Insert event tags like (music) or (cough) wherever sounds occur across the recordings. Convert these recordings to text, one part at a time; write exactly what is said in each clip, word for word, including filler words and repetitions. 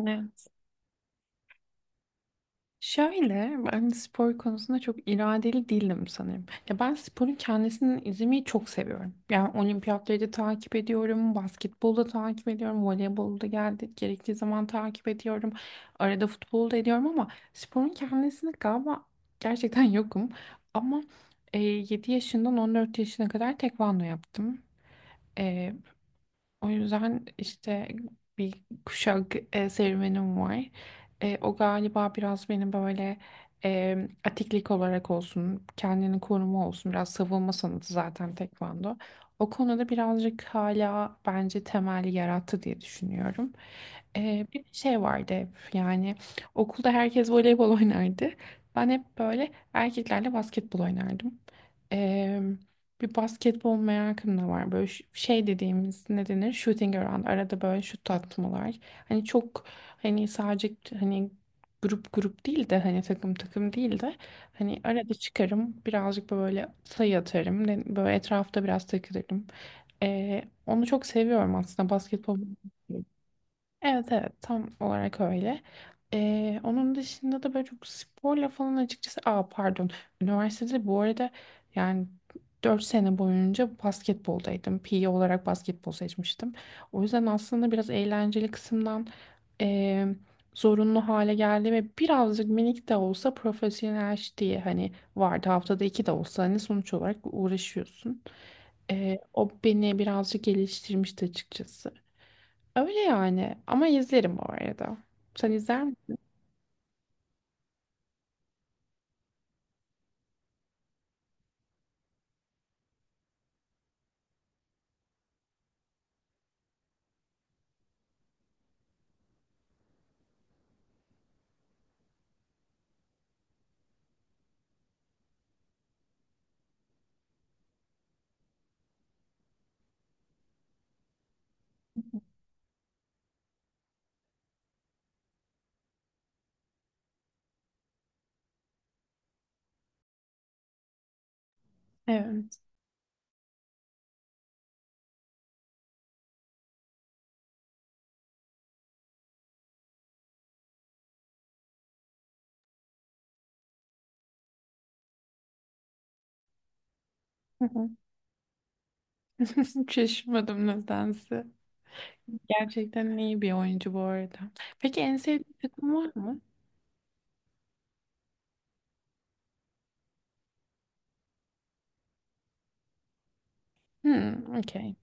Evet. Şöyle ben spor konusunda çok iradeli değilim sanırım. Ya ben sporun kendisini izlemeyi çok seviyorum. Yani olimpiyatları da takip ediyorum, basketbolu da takip ediyorum, voleybolu da geldi, gerektiği zaman takip ediyorum. Arada futbolu da ediyorum ama sporun kendisini galiba gerçekten yokum. Ama e, yedi yaşından on dört yaşına kadar tekvando yaptım. O yüzden işte bir kuşak e, serüvenim var. E, o galiba biraz beni böyle e, atiklik olarak olsun, kendini koruma olsun, biraz savunma sanatı zaten tekvando. O konuda birazcık hala bence temel yarattı diye düşünüyorum. E, bir şey vardı hep yani okulda herkes voleybol oynardı. Ben hep böyle erkeklerle basketbol oynardım. Bir basketbol merakım da var. Böyle ş- şey dediğimiz ne denir? Shooting around. Arada böyle şut atmalar. Hani çok, hani sadece, hani grup grup değil de hani takım takım değil de hani arada çıkarım birazcık böyle sayı atarım. ne- Böyle etrafta biraz takılırım. Ee, onu çok seviyorum aslında basketbol. Evet, evet, tam olarak öyle. Ee, onun dışında da böyle çok sporla falan açıkçası. Aa pardon. Üniversitede bu arada yani dört sene boyunca basketboldaydım. P E olarak basketbol seçmiştim. O yüzden aslında biraz eğlenceli kısımdan eee, zorunlu hale geldi ve birazcık minik de olsa profesyonel diye hani vardı, haftada iki de olsa hani sonuç olarak uğraşıyorsun. Eee, o beni birazcık geliştirmişti açıkçası. Öyle yani. Ama izlerim bu arada. Sen izler misin? Evet. Hı hı. (laughs) Şaşırmadım nedense. Gerçekten iyi bir oyuncu bu arada. Peki en sevdiğin takım var mı? Hmm, okey.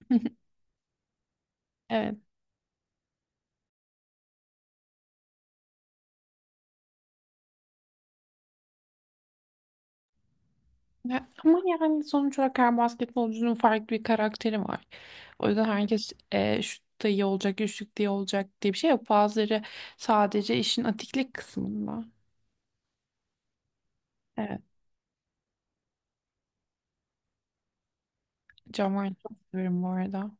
(laughs) Evet. Ya, ama yani sonuç olarak her basketbolcunun farklı bir karakteri var. O yüzden herkes e, şut da iyi olacak, üçlük diye olacak diye bir şey yok. Bazıları sadece işin atiklik kısmında. Evet. John Wayne'i çok severim bu arada.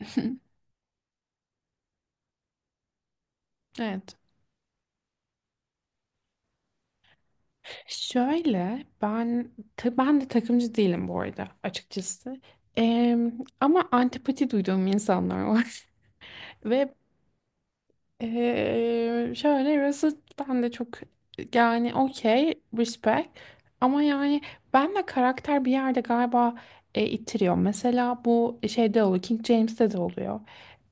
(laughs) Evet. Şöyle ben ta- ben de takımcı değilim bu arada açıkçası. Em, ama antipati duyduğum insanlar var. (laughs) Ve ee, şöyle burası ben de çok, yani okey respect ama yani ben de karakter bir yerde galiba e, ittiriyor. Mesela bu şeyde oluyor, King James'te de oluyor.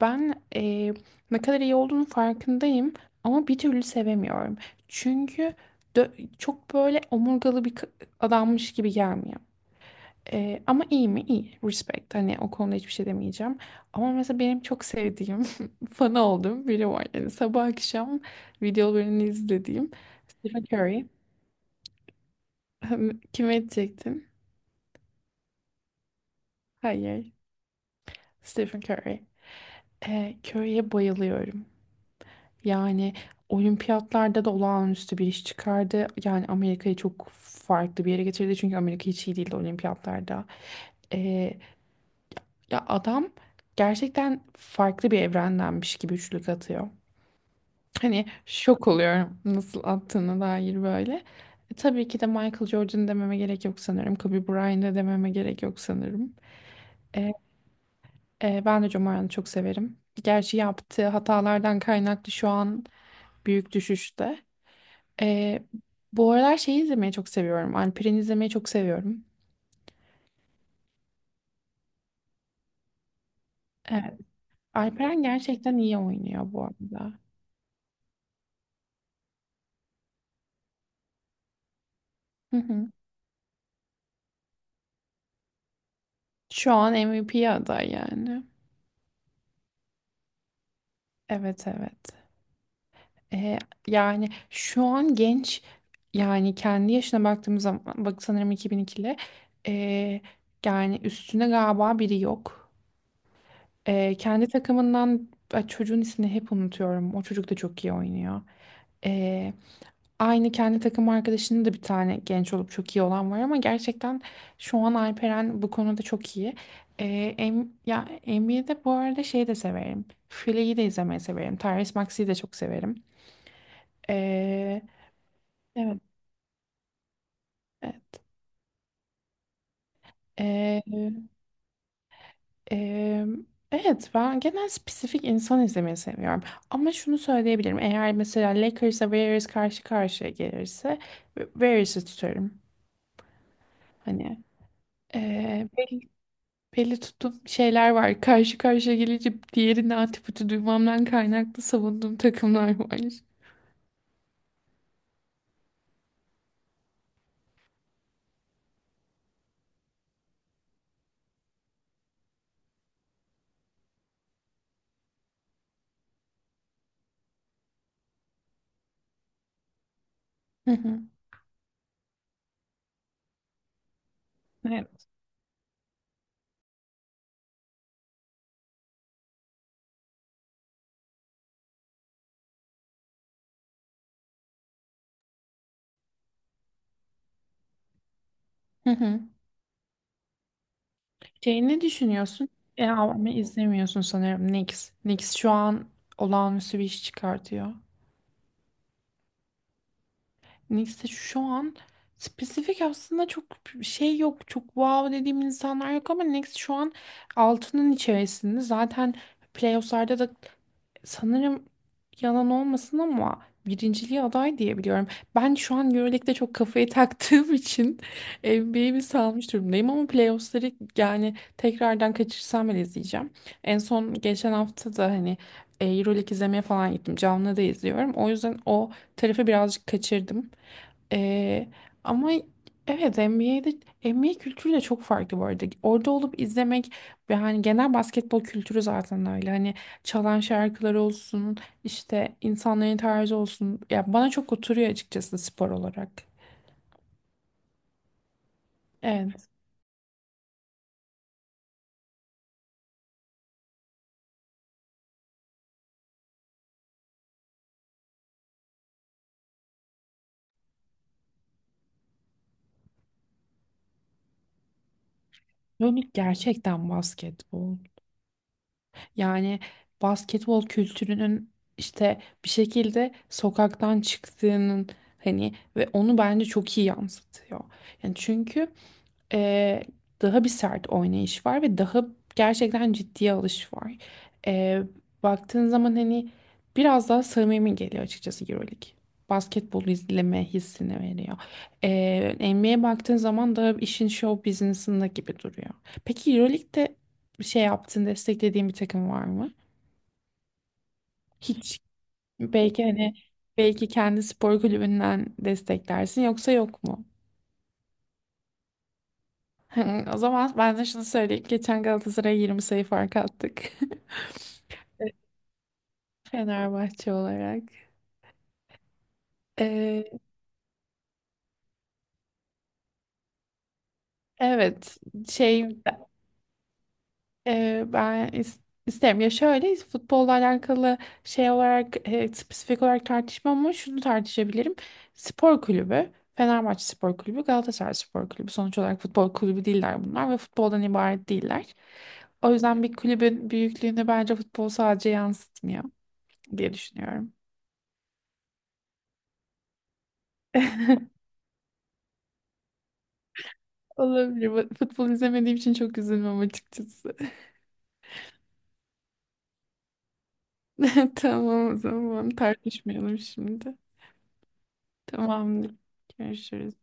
Ben e, ne kadar iyi olduğunun farkındayım ama bir türlü sevemiyorum. Çünkü dö- çok böyle omurgalı bir k- adammış gibi gelmiyor. Ee, ama iyi mi? İyi. Respect. Hani o konuda hiçbir şey demeyeceğim. Ama mesela benim çok sevdiğim, (laughs) fanı olduğum biri var. Yani sabah akşam videolarını izlediğim Stephen Curry. (laughs) Kime edecektin? Hayır. Stephen Curry. Ee, Curry'e bayılıyorum. Yani olimpiyatlarda da olağanüstü bir iş çıkardı. Yani Amerika'yı çok farklı bir yere getirdi. Çünkü Amerika hiç iyi değildi olimpiyatlarda. Ee, Ya adam gerçekten farklı bir evrendenmiş gibi üçlük atıyor. Hani şok oluyorum nasıl attığına dair böyle. E, tabii ki de Michael Jordan dememe gerek yok sanırım. Kobe Bryant'ı dememe gerek yok sanırım. E, e, Ben de Jomar'ı çok severim. Gerçi yaptığı hatalardan kaynaklı şu an büyük düşüşte. E, Bu aralar şeyi izlemeyi çok seviyorum. Alperen'i izlemeyi çok seviyorum. Evet, Alperen gerçekten iyi oynuyor bu arada. Hı hı. Şu an M V P aday yani. Evet, evet. E, Yani şu an genç, yani kendi yaşına baktığımız zaman bak sanırım iki bin ikili, e, yani üstüne galiba biri yok. E, kendi takımından, ay, çocuğun ismini hep unutuyorum. O çocuk da çok iyi oynuyor. E, Aynı kendi takım arkadaşının da bir tane genç olup çok iyi olan var ama gerçekten şu an Alperen bu konuda çok iyi. E, em, Ya N B A'de bu arada şey de severim. Philea'yı de izlemeyi severim. Tyrese Maxey'i de çok severim. E, Evet. E- e, e, evet, ben genel spesifik insan izlemeyi seviyorum. Ama şunu söyleyebilirim. Eğer mesela Lakers'a Warriors karşı karşıya gelirse Warriors'ı tutarım. Hani e, belli, belli tuttuğum şeyler var. Karşı karşıya gelince diğerinin antipati duymamdan kaynaklı savunduğum takımlar var. Hı hı. Evet. Hı hı. Şey, ne düşünüyorsun? Ya ama izlemiyorsun sanırım Knicks. Knicks şu an olağanüstü bir iş çıkartıyor. Neyse şu an spesifik aslında çok şey yok. Çok wow dediğim insanlar yok ama Next şu an altının içerisinde. Zaten playoff'larda da sanırım, yalan olmasın ama, birinciliğe aday diyebiliyorum. Ben şu an EuroLeague'de çok kafayı taktığım için (laughs) N B A'yi bir salmış durumdayım ama playoff'ları, yani tekrardan kaçırsam bile izleyeceğim. En son geçen hafta da hani e, EuroLeague izlemeye falan gittim. Canlı da izliyorum. O yüzden o tarafı birazcık kaçırdım. Ee, Ama evet, N B A'de N B A kültürü de çok farklı bu arada. Orada olup izlemek ve hani genel basketbol kültürü zaten öyle. Hani çalan şarkılar olsun, işte insanların tarzı olsun. Ya bana çok oturuyor açıkçası spor olarak. Evet. Yani gerçekten basketbol. Yani basketbol kültürünün işte bir şekilde sokaktan çıktığının, hani, ve onu bence çok iyi yansıtıyor. Yani çünkü e, daha bir sert oynayış var ve daha gerçekten ciddiye alış var. E, Baktığın zaman hani biraz daha samimi geliyor açıkçası EuroLeague. Basketbol izleme hissini veriyor. E, N B A'ye baktığın zaman da işin show business'ında gibi duruyor. Peki EuroLeague'de bir şey yaptığın, desteklediğin bir takım var mı? Hiç. Belki hani, belki kendi spor kulübünden desteklersin yoksa yok mu? Hı, o zaman ben de şunu söyleyeyim. Geçen Galatasaray'a yirmi sayı fark attık. (laughs) Fenerbahçe olarak. Ee, evet, şey, e, ben is- isterim. Ya şöyle, futbolla alakalı şey olarak e, spesifik olarak tartışmam ama şunu tartışabilirim. Spor kulübü, Fenerbahçe Spor Kulübü, Galatasaray Spor Kulübü sonuç olarak futbol kulübü değiller bunlar ve futboldan ibaret değiller. O yüzden bir kulübün büyüklüğünü bence futbol sadece yansıtmıyor diye düşünüyorum. (laughs) Olabilir. Bu- Futbol izlemediğim için çok üzülmem açıkçası. (laughs) Tamam, o zaman tartışmayalım şimdi. Tamamdır. Görüşürüz.